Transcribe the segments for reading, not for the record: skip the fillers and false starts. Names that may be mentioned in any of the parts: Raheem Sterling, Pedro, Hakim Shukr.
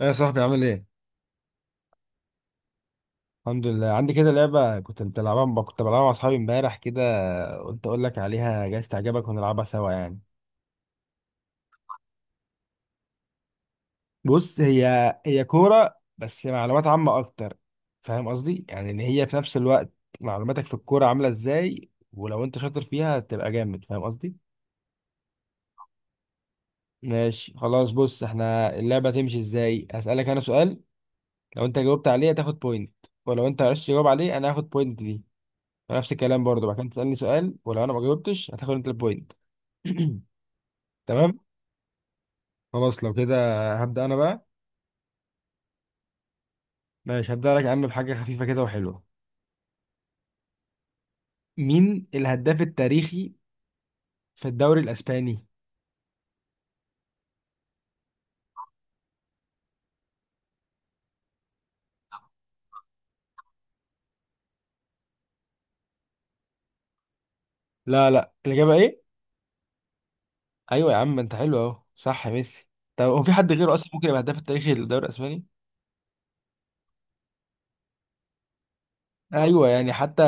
ايه يا صاحبي، عامل ايه؟ الحمد لله. عندي كده لعبة كنت بلعبها مع اصحابي امبارح كده. قلت اقول لك عليها، جايز تعجبك ونلعبها سوا يعني. بص، هي كورة بس معلومات عامة اكتر. فاهم قصدي؟ يعني ان هي في نفس الوقت معلوماتك في الكورة عاملة ازاي، ولو انت شاطر فيها تبقى جامد. فاهم قصدي؟ ماشي خلاص. بص، احنا اللعبة تمشي ازاي؟ هسألك انا سؤال، لو انت جاوبت عليه هتاخد بوينت، ولو انت معرفتش تجاوب عليه انا هاخد بوينت دي. نفس الكلام برضه بعد كده تسألني سؤال، ولو انا ما جاوبتش هتاخد انت البوينت. تمام. خلاص لو كده هبدأ انا بقى. ماشي، هبدأ لك يا عم بحاجة خفيفة كده وحلوة. مين الهداف التاريخي في الدوري الاسباني؟ لا لا، الإجابة ايه؟ ايوه يا عم، انت حلو اهو، صح يا ميسي. طب هو في حد غيره اصلا ممكن يبقى هداف التاريخي للدوري الاسباني؟ ايوه يعني حتى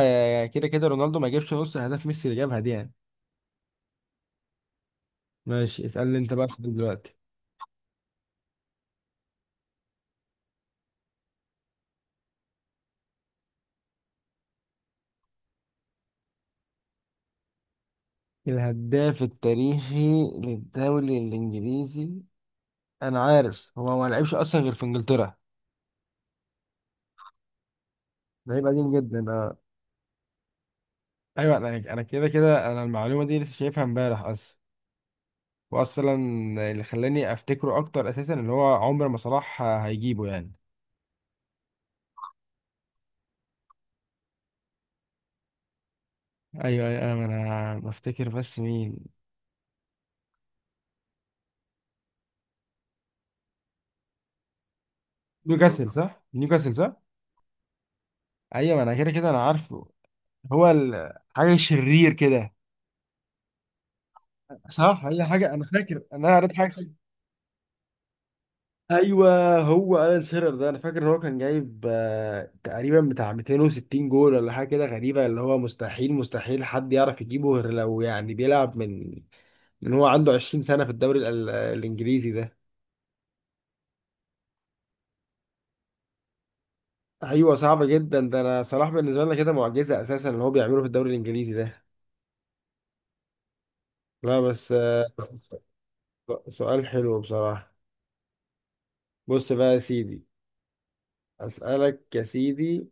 كده كده رونالدو ما جابش نص اهداف ميسي اللي جابها دي يعني. ماشي، اسألني انت بقى سؤال دلوقتي. الهداف التاريخي للدوري الانجليزي، انا عارف هو ما لعبش اصلا غير في انجلترا. ده هيبقى قديم جدا. ايوه، انا كده كده انا المعلومه دي لسه شايفها امبارح اصلا. واصلا اللي خلاني افتكره اكتر اساسا اللي هو عمر ما صلاح هيجيبه يعني. ايوه ايوه، انا بفتكر بس مين. نيوكاسل صح، نيوكاسل صح. ايوه، ما انا كده كده انا عارفه. هو حاجه شرير كده. صح، هي حاجه انا فاكر انا قريت حاجه ايوه هو الان شيرر ده، انا فاكر ان هو كان جايب تقريبا بتاع 260 جول ولا حاجه كده غريبه، اللي هو مستحيل مستحيل حد يعرف يجيبه غير لو يعني بيلعب من هو عنده 20 سنة في الدوري الإنجليزي ده. أيوة صعب جدا، ده أنا صلاح بالنسبة لنا كده معجزة أساسا اللي هو بيعمله في الدوري الإنجليزي ده. لا بس سؤال حلو بصراحة. بص بقى يا سيدي، أسألك يا سيدي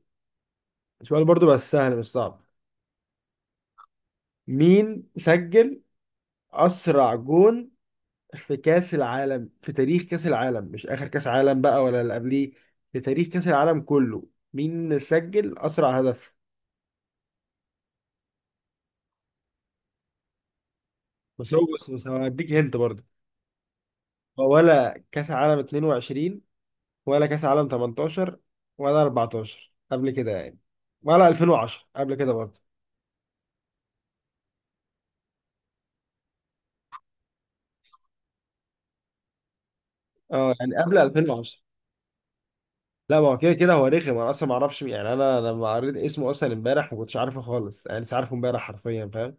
سؤال برضو بس سهل مش صعب. مين سجل أسرع جون في كأس العالم، في تاريخ كأس العالم؟ مش آخر كأس عالم بقى ولا اللي قبليه، في تاريخ كأس العالم كله، مين سجل أسرع هدف؟ بس هو، بص، بس هديك هنت برضو. ولا كاس عالم 22، ولا كاس عالم 18، ولا 14 قبل كده يعني، ولا 2010 قبل كده برضه. اه يعني قبل 2010. لا ما هو كده كده هو رخم، انا اصلا ما اعرفش مين. يعني انا لما قريت اسمه اصلا امبارح ما كنتش عارفه خالص، يعني لسه عارفه امبارح حرفيا، فاهم.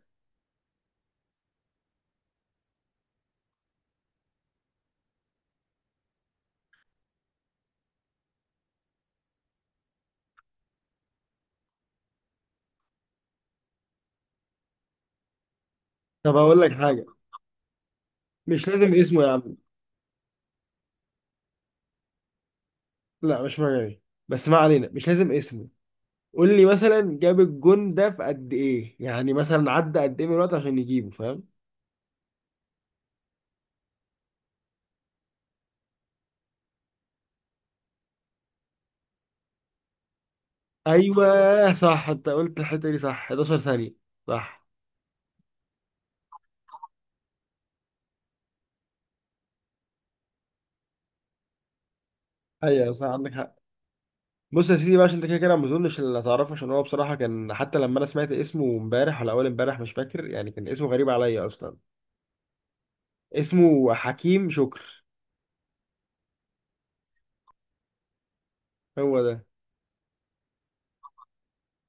طب هقول لك حاجه، مش لازم اسمه يا عم. لا، مش مجاني. بس ما علينا، مش لازم اسمه. قول لي مثلا جاب الجون ده في قد ايه، يعني مثلا عدى قد ايه من الوقت عشان يجيبه، فاهم. ايوه صح، انت قلت الحته دي صح، 11 ثانيه، صح. ايوه صح، عندك حق. بص يا سيدي بقى، عشان انت كده كده ما اظنش اللي هتعرفه، عشان هو بصراحه كان، حتى لما انا سمعت اسمه امبارح ولا اول امبارح مش فاكر يعني، كان اسمه غريب عليا اصلا. اسمه حكيم شكر. هو ده.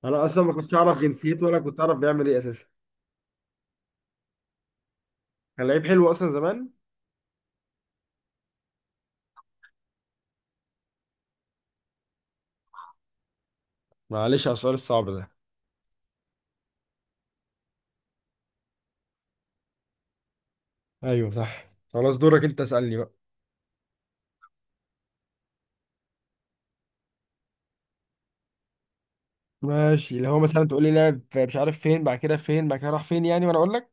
انا اصلا ما كنتش اعرف جنسيته ولا كنت اعرف بيعمل ايه اساسا. كان لعيب حلو اصلا زمان. معلش على السؤال الصعب ده. ايوه صح، خلاص دورك انت اسالني بقى. ماشي، اللي هو مثلا تقول لي لعب مش عارف فين، بعد كده فين، بعد كده راح فين يعني، وانا اقول لك.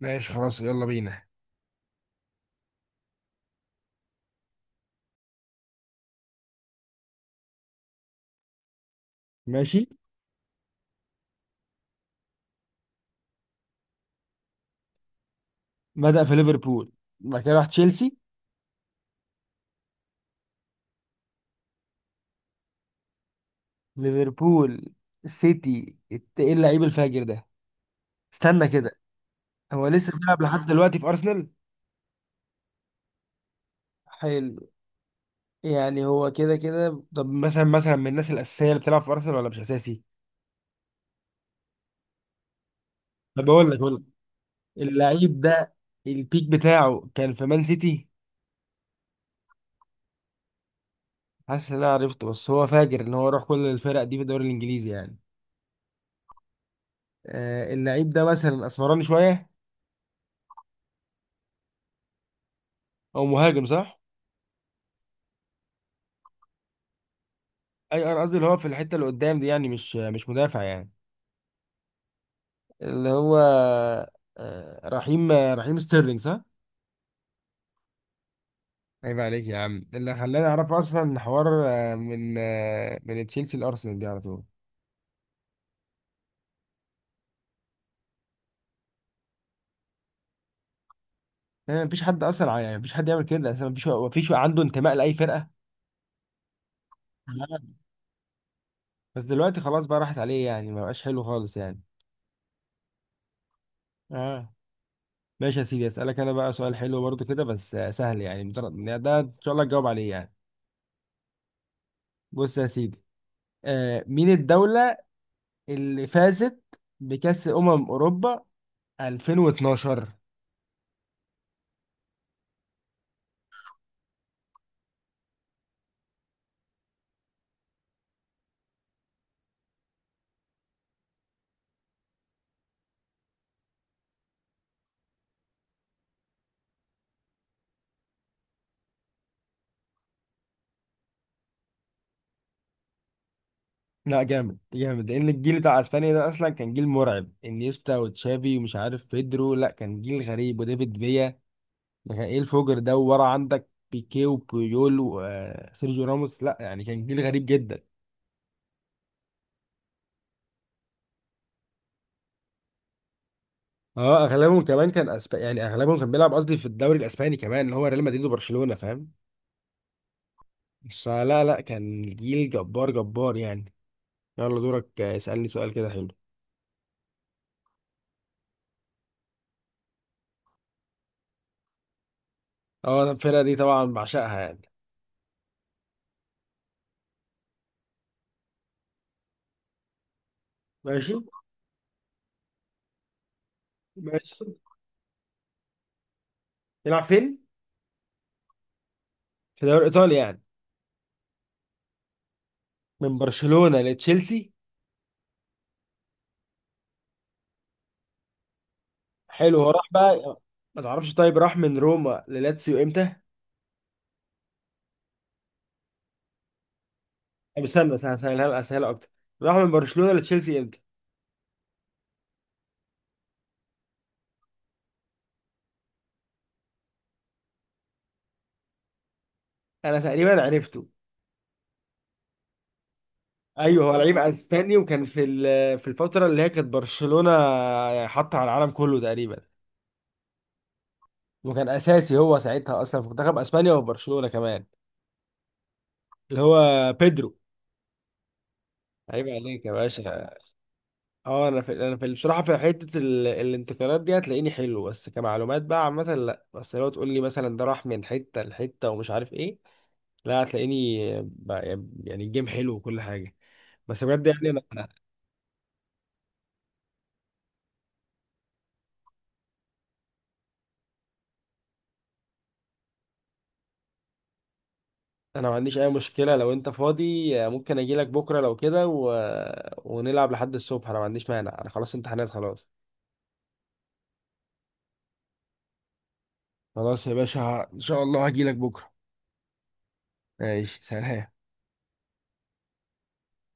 ماشي خلاص، يلا بينا. ماشي، بدأ في ليفربول، بعد كده راح تشيلسي. ليفربول، سيتي، ايه اللعيب الفاجر ده؟ استنى كده، هو لسه بيلعب لحد دلوقتي في ارسنال. حلو. يعني هو كده كده، طب مثلا من الناس الاساسيه اللي بتلعب في ارسنال ولا مش اساسي؟ طب بقول لك اللعيب ده البيك بتاعه كان في مان سيتي. حاسس ان انا عرفته، بس هو فاجر ان هو راح كل الفرق دي في الدوري الانجليزي يعني. اللعيب ده مثلا اسمراني شويه، او مهاجم، صح؟ اي انا قصدي اللي هو في الحته اللي قدام دي يعني، مش مدافع يعني. اللي هو رحيم ستيرلينج، صح؟ عيب عليك يا عم، ده اللي خلاني اعرف اصلا حوار من تشيلسي لارسنال دي على طول. يعني مفيش حد اصلا يعني مفيش حد يعمل كده اصلا، مفيش عنده انتماء لاي فرقه. آه. بس دلوقتي خلاص بقى راحت عليه يعني، ما بقاش حلو خالص يعني. اه. ماشي يا سيدي، اسالك انا بقى سؤال حلو برضو كده بس سهل يعني، مجرد إن ده ان شاء الله تجاوب عليه يعني. بص يا سيدي، مين الدوله اللي فازت بكاس اوروبا 2012؟ لا جامد جامد، لان الجيل بتاع اسبانيا ده اصلا كان جيل مرعب، انيستا وتشافي ومش عارف بيدرو. لا كان جيل غريب، وديفيد فيا. ده كان ايه الفجر ده، وورا عندك بيكيه وبويول وسيرجيو راموس. لا يعني كان جيل غريب جدا. اه اغلبهم كمان كان اسباني يعني، اغلبهم كان بيلعب، قصدي في الدوري الاسباني كمان، اللي هو ريال مدريد وبرشلونة، فاهم. فلا لا، كان جيل جبار جبار يعني. يلا دورك، اسألني سؤال كده حلو. اه، الفرقة دي طبعا بعشقها يعني. ماشي. ماشي، يلعب فين؟ في دوري ايطاليا يعني. من برشلونة لتشيلسي. حلو. هو راح بقى. ما تعرفش؟ طيب راح من روما للاتسيو امتى؟ طب استنى استنى استنى، اسهلها اكتر. راح من برشلونة لتشيلسي امتى؟ انا تقريبا عرفته. ايوه هو لعيب اسباني، وكان في في الفترة اللي هي كانت برشلونة حاطة على العالم كله تقريبا. وكان اساسي هو ساعتها اصلا في منتخب اسبانيا وفي برشلونة كمان. اللي هو بيدرو. عيب عليك يا باشا. اه انا في بصراحه في حته الانتقالات دي هتلاقيني حلو، بس كمعلومات بقى عامه لا، بس لو تقول لي مثلا ده راح من حته لحته ومش عارف ايه، لا هتلاقيني بقى. يعني الجيم حلو وكل حاجه، بس بجد يعني انا، انا ما عنديش اي مشكله. لو انت فاضي ممكن اجي لك بكره لو كده ونلعب لحد الصبح، انا ما عنديش مانع، انا خلاص امتحانات خلاص. خلاص يا باشا، ان شاء الله هجي لك بكره. ماشي سلام.